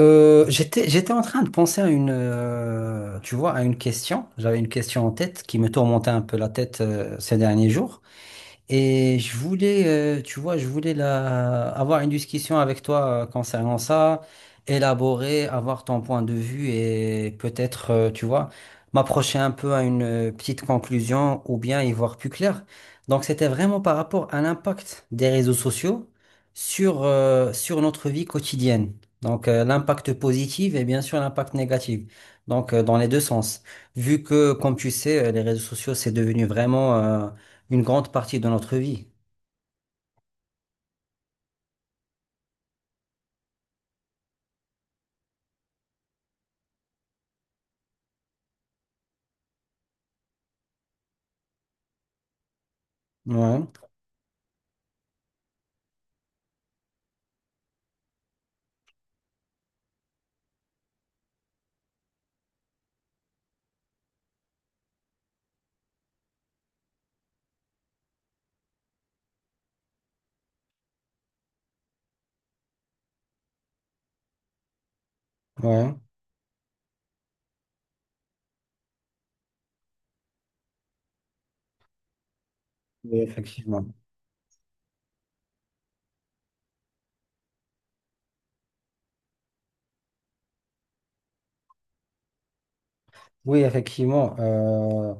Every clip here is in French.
J'étais en train de penser à à une question. J'avais une question en tête qui me tourmentait un peu la tête, ces derniers jours. Et je voulais, je voulais avoir une discussion avec toi concernant ça, élaborer, avoir ton point de vue et peut-être, m'approcher un peu à une petite conclusion ou bien y voir plus clair. Donc, c'était vraiment par rapport à l'impact des réseaux sociaux sur notre vie quotidienne. Donc, l'impact positif et bien sûr l'impact négatif. Donc, dans les deux sens. Vu que, comme tu sais, les réseaux sociaux, c'est devenu vraiment une grande partie de notre vie. Ouais, ouais, oui, effectivement. Oui, effectivement.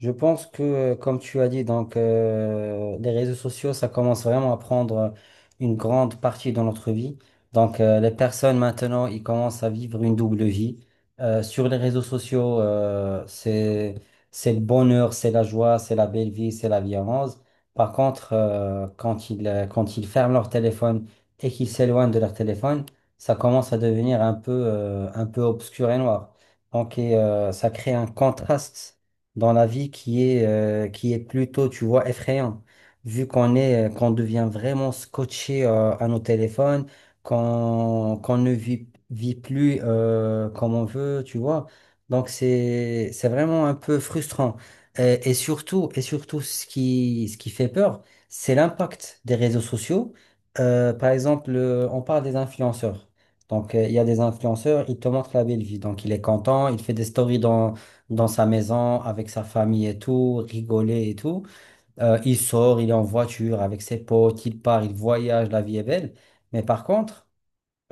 Je pense que, comme tu as dit, donc les réseaux sociaux, ça commence vraiment à prendre une grande partie de notre vie. Donc les personnes maintenant, ils commencent à vivre une double vie. Sur les réseaux sociaux, c'est le bonheur, c'est la joie, c'est la belle vie, c'est la vie en rose. Par contre, quand ils ferment leur téléphone et qu'ils s'éloignent de leur téléphone, ça commence à devenir un peu obscur et noir. Donc, ça crée un contraste dans la vie qui est qui est plutôt, tu vois, effrayant. Qu'on devient vraiment scotché, à nos téléphones, qu'on ne vit plus, comme on veut, tu vois. Donc c'est vraiment un peu frustrant. Et surtout, ce qui fait peur, c'est l'impact des réseaux sociaux. Par exemple, on parle des influenceurs. Donc, il y a des influenceurs, ils te montrent la belle vie. Donc, il est content, il fait des stories dans sa maison, avec sa famille et tout, rigoler et tout. Il sort, il est en voiture avec ses potes, il part, il voyage, la vie est belle. Mais par contre,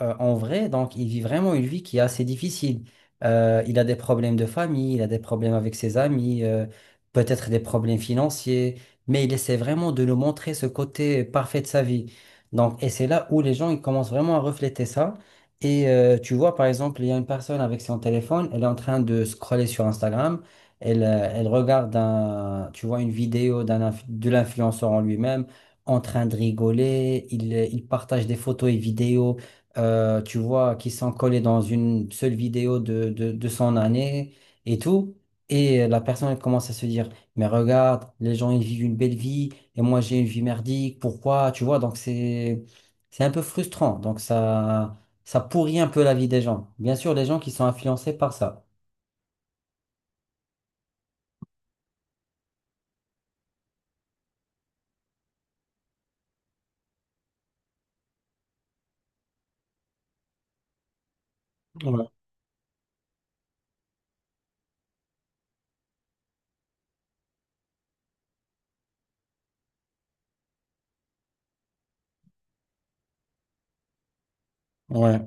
euh, en vrai, donc il vit vraiment une vie qui est assez difficile. Il a des problèmes de famille, il a des problèmes avec ses amis, peut-être des problèmes financiers, mais il essaie vraiment de nous montrer ce côté parfait de sa vie. Donc, et c'est là où les gens ils commencent vraiment à refléter ça. Et tu vois, par exemple, il y a une personne avec son téléphone, elle est en train de scroller sur Instagram, elle regarde tu vois, une vidéo de l'influenceur en lui-même, en train de rigoler, il partage des photos et vidéos tu vois, qui sont collés dans une seule vidéo de son année et tout. Et la personne elle commence à se dire, mais regarde, les gens, ils vivent une belle vie et moi, j'ai une vie merdique, pourquoi? Tu vois, donc c'est un peu frustrant. Donc ça pourrit un peu la vie des gens. Bien sûr, les gens qui sont influencés par ça. Ouais,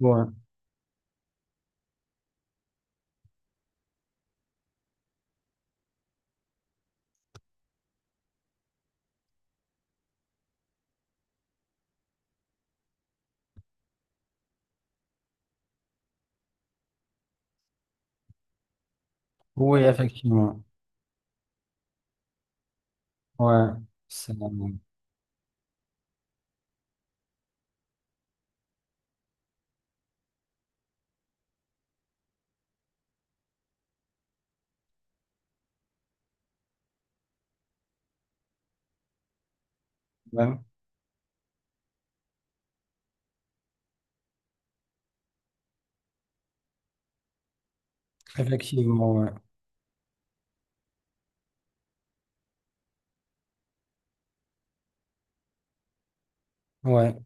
ouais, oui, effectivement. Ouais, c'est- ouais, effectivement, ouais. Ouais.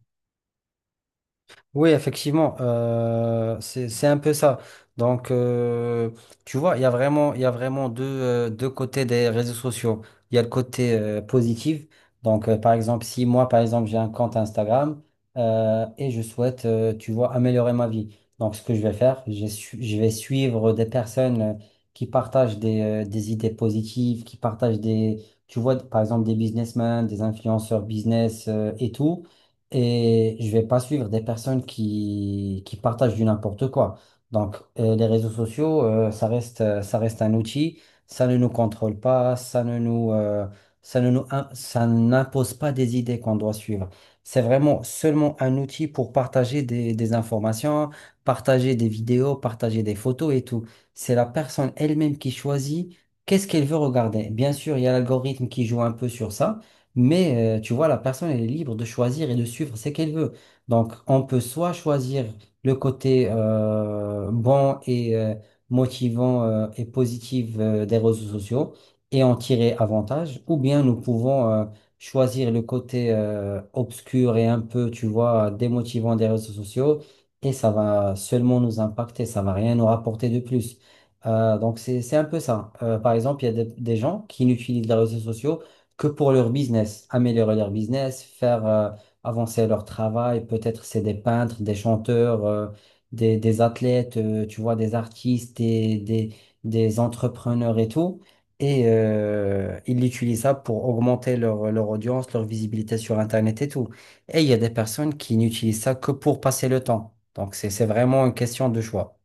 Oui, effectivement, euh, c'est un peu ça. Donc, tu vois, il y a vraiment deux côtés des réseaux sociaux. Il y a le côté positif. Donc, par exemple, si moi, par exemple, j'ai un compte Instagram et je souhaite, tu vois, améliorer ma vie. Donc, ce que je vais faire, je vais suivre des personnes qui partagent des idées positives, qui partagent des, tu vois, par exemple, des businessmen, des influenceurs business et tout et je vais pas suivre des personnes qui partagent du n'importe quoi. Donc, les réseaux sociaux, ça reste un outil, ça ne nous contrôle pas, ça ne nous, im- ça n'impose pas des idées qu'on doit suivre. C'est vraiment seulement un outil pour partager des informations, partager des vidéos, partager des photos et tout. C'est la personne elle-même qui choisit qu'est-ce qu'elle veut regarder. Bien sûr, il y a l'algorithme qui joue un peu sur ça. Mais tu vois, la personne, elle est libre de choisir et de suivre ce qu'elle veut. Donc, on peut soit choisir le côté bon et motivant et positif des réseaux sociaux et en tirer avantage, ou bien nous pouvons choisir le côté obscur et un peu, tu vois, démotivant des réseaux sociaux et ça va seulement nous impacter, ça va rien nous rapporter de plus. Donc c'est un peu ça. Par exemple, il y a des gens qui n'utilisent les réseaux sociaux que pour leur business, améliorer leur business, faire avancer leur travail. Peut-être c'est des peintres, des chanteurs, euh, des athlètes, tu vois, des artistes, des entrepreneurs et tout. Et ils utilisent ça pour augmenter leur audience, leur visibilité sur Internet et tout. Et il y a des personnes qui n'utilisent ça que pour passer le temps. Donc c'est vraiment une question de choix.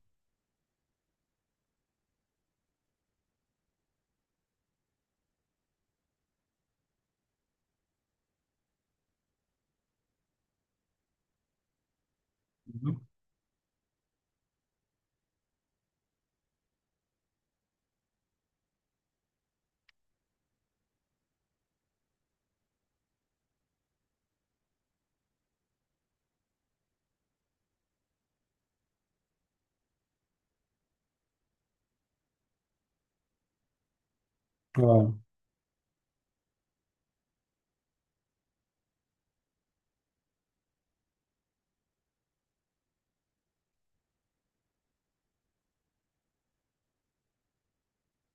Mhm. Ouais,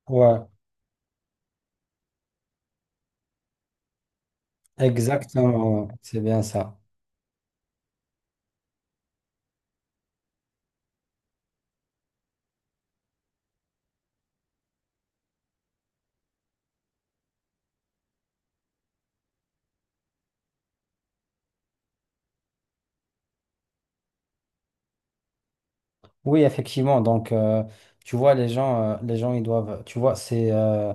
ouais, exactement, ouais. C'est bien ça. Oui, effectivement. Donc, tu vois, les gens, ils doivent, tu vois,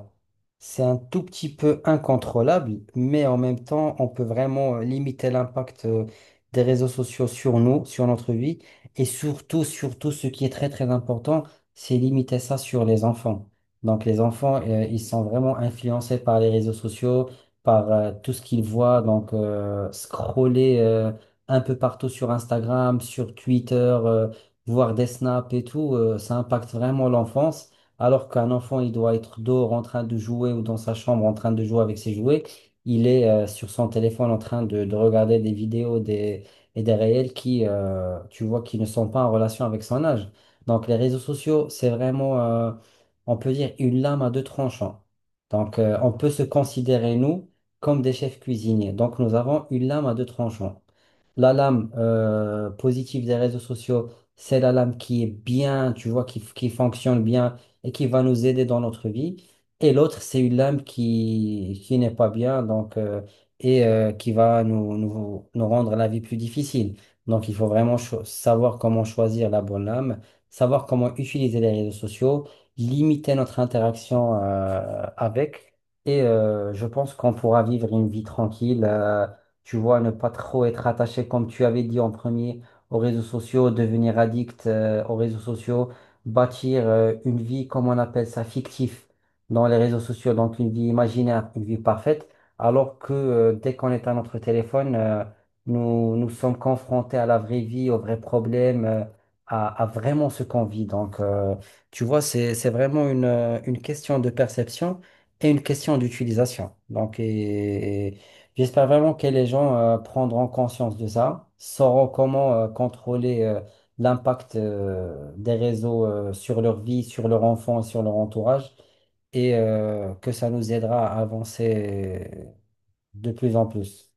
c'est un tout petit peu incontrôlable, mais en même temps, on peut vraiment limiter l'impact des réseaux sociaux sur nous, sur notre vie, et surtout, surtout, ce qui est très, très important, c'est limiter ça sur les enfants. Donc, les enfants, ils sont vraiment influencés par les réseaux sociaux, par tout ce qu'ils voient, donc scroller un peu partout sur Instagram, sur Twitter. Voir des snaps et tout, ça impacte vraiment l'enfance. Alors qu'un enfant, il doit être dehors en train de jouer ou dans sa chambre en train de jouer avec ses jouets. Il est sur son téléphone en train de regarder des vidéos et des réels qui, tu vois, qui ne sont pas en relation avec son âge. Donc les réseaux sociaux, c'est vraiment, on peut dire, une lame à deux tranchants. Donc on peut se considérer, nous, comme des chefs cuisiniers. Donc nous avons une lame à deux tranchants. La lame positive des réseaux sociaux, c'est la lame qui est bien, tu vois, qui fonctionne bien et qui va nous aider dans notre vie. Et l'autre, c'est une lame qui n'est pas bien, donc, qui va nous rendre la vie plus difficile. Donc, il faut vraiment savoir comment choisir la bonne lame, savoir comment utiliser les réseaux sociaux, limiter notre interaction avec. Et je pense qu'on pourra vivre une vie tranquille. Tu vois, ne pas trop être attaché, comme tu avais dit en premier, aux réseaux sociaux, devenir addict aux réseaux sociaux, bâtir une vie, comme on appelle ça, fictif dans les réseaux sociaux, donc une vie imaginaire, une vie parfaite, alors que dès qu'on est à notre téléphone, nous sommes confrontés à la vraie vie, aux vrais problèmes, à vraiment ce qu'on vit. Donc, tu vois, c'est vraiment une question de perception et une question d'utilisation. J'espère vraiment que les gens prendront conscience de ça, sauront comment contrôler l'impact des réseaux sur leur vie, sur leur enfant et sur leur entourage, et que ça nous aidera à avancer de plus en plus.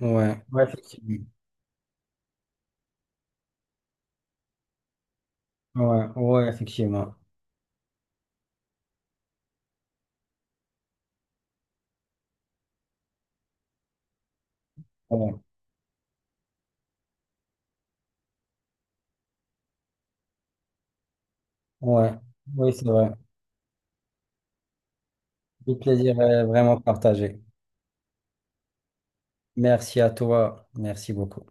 Ouais, ouais, effectivement. Ouais, ouais, effectivement. Ouais, ouais. Oui, c'est vrai. Du plaisir vraiment partagé. Merci à toi. Merci beaucoup.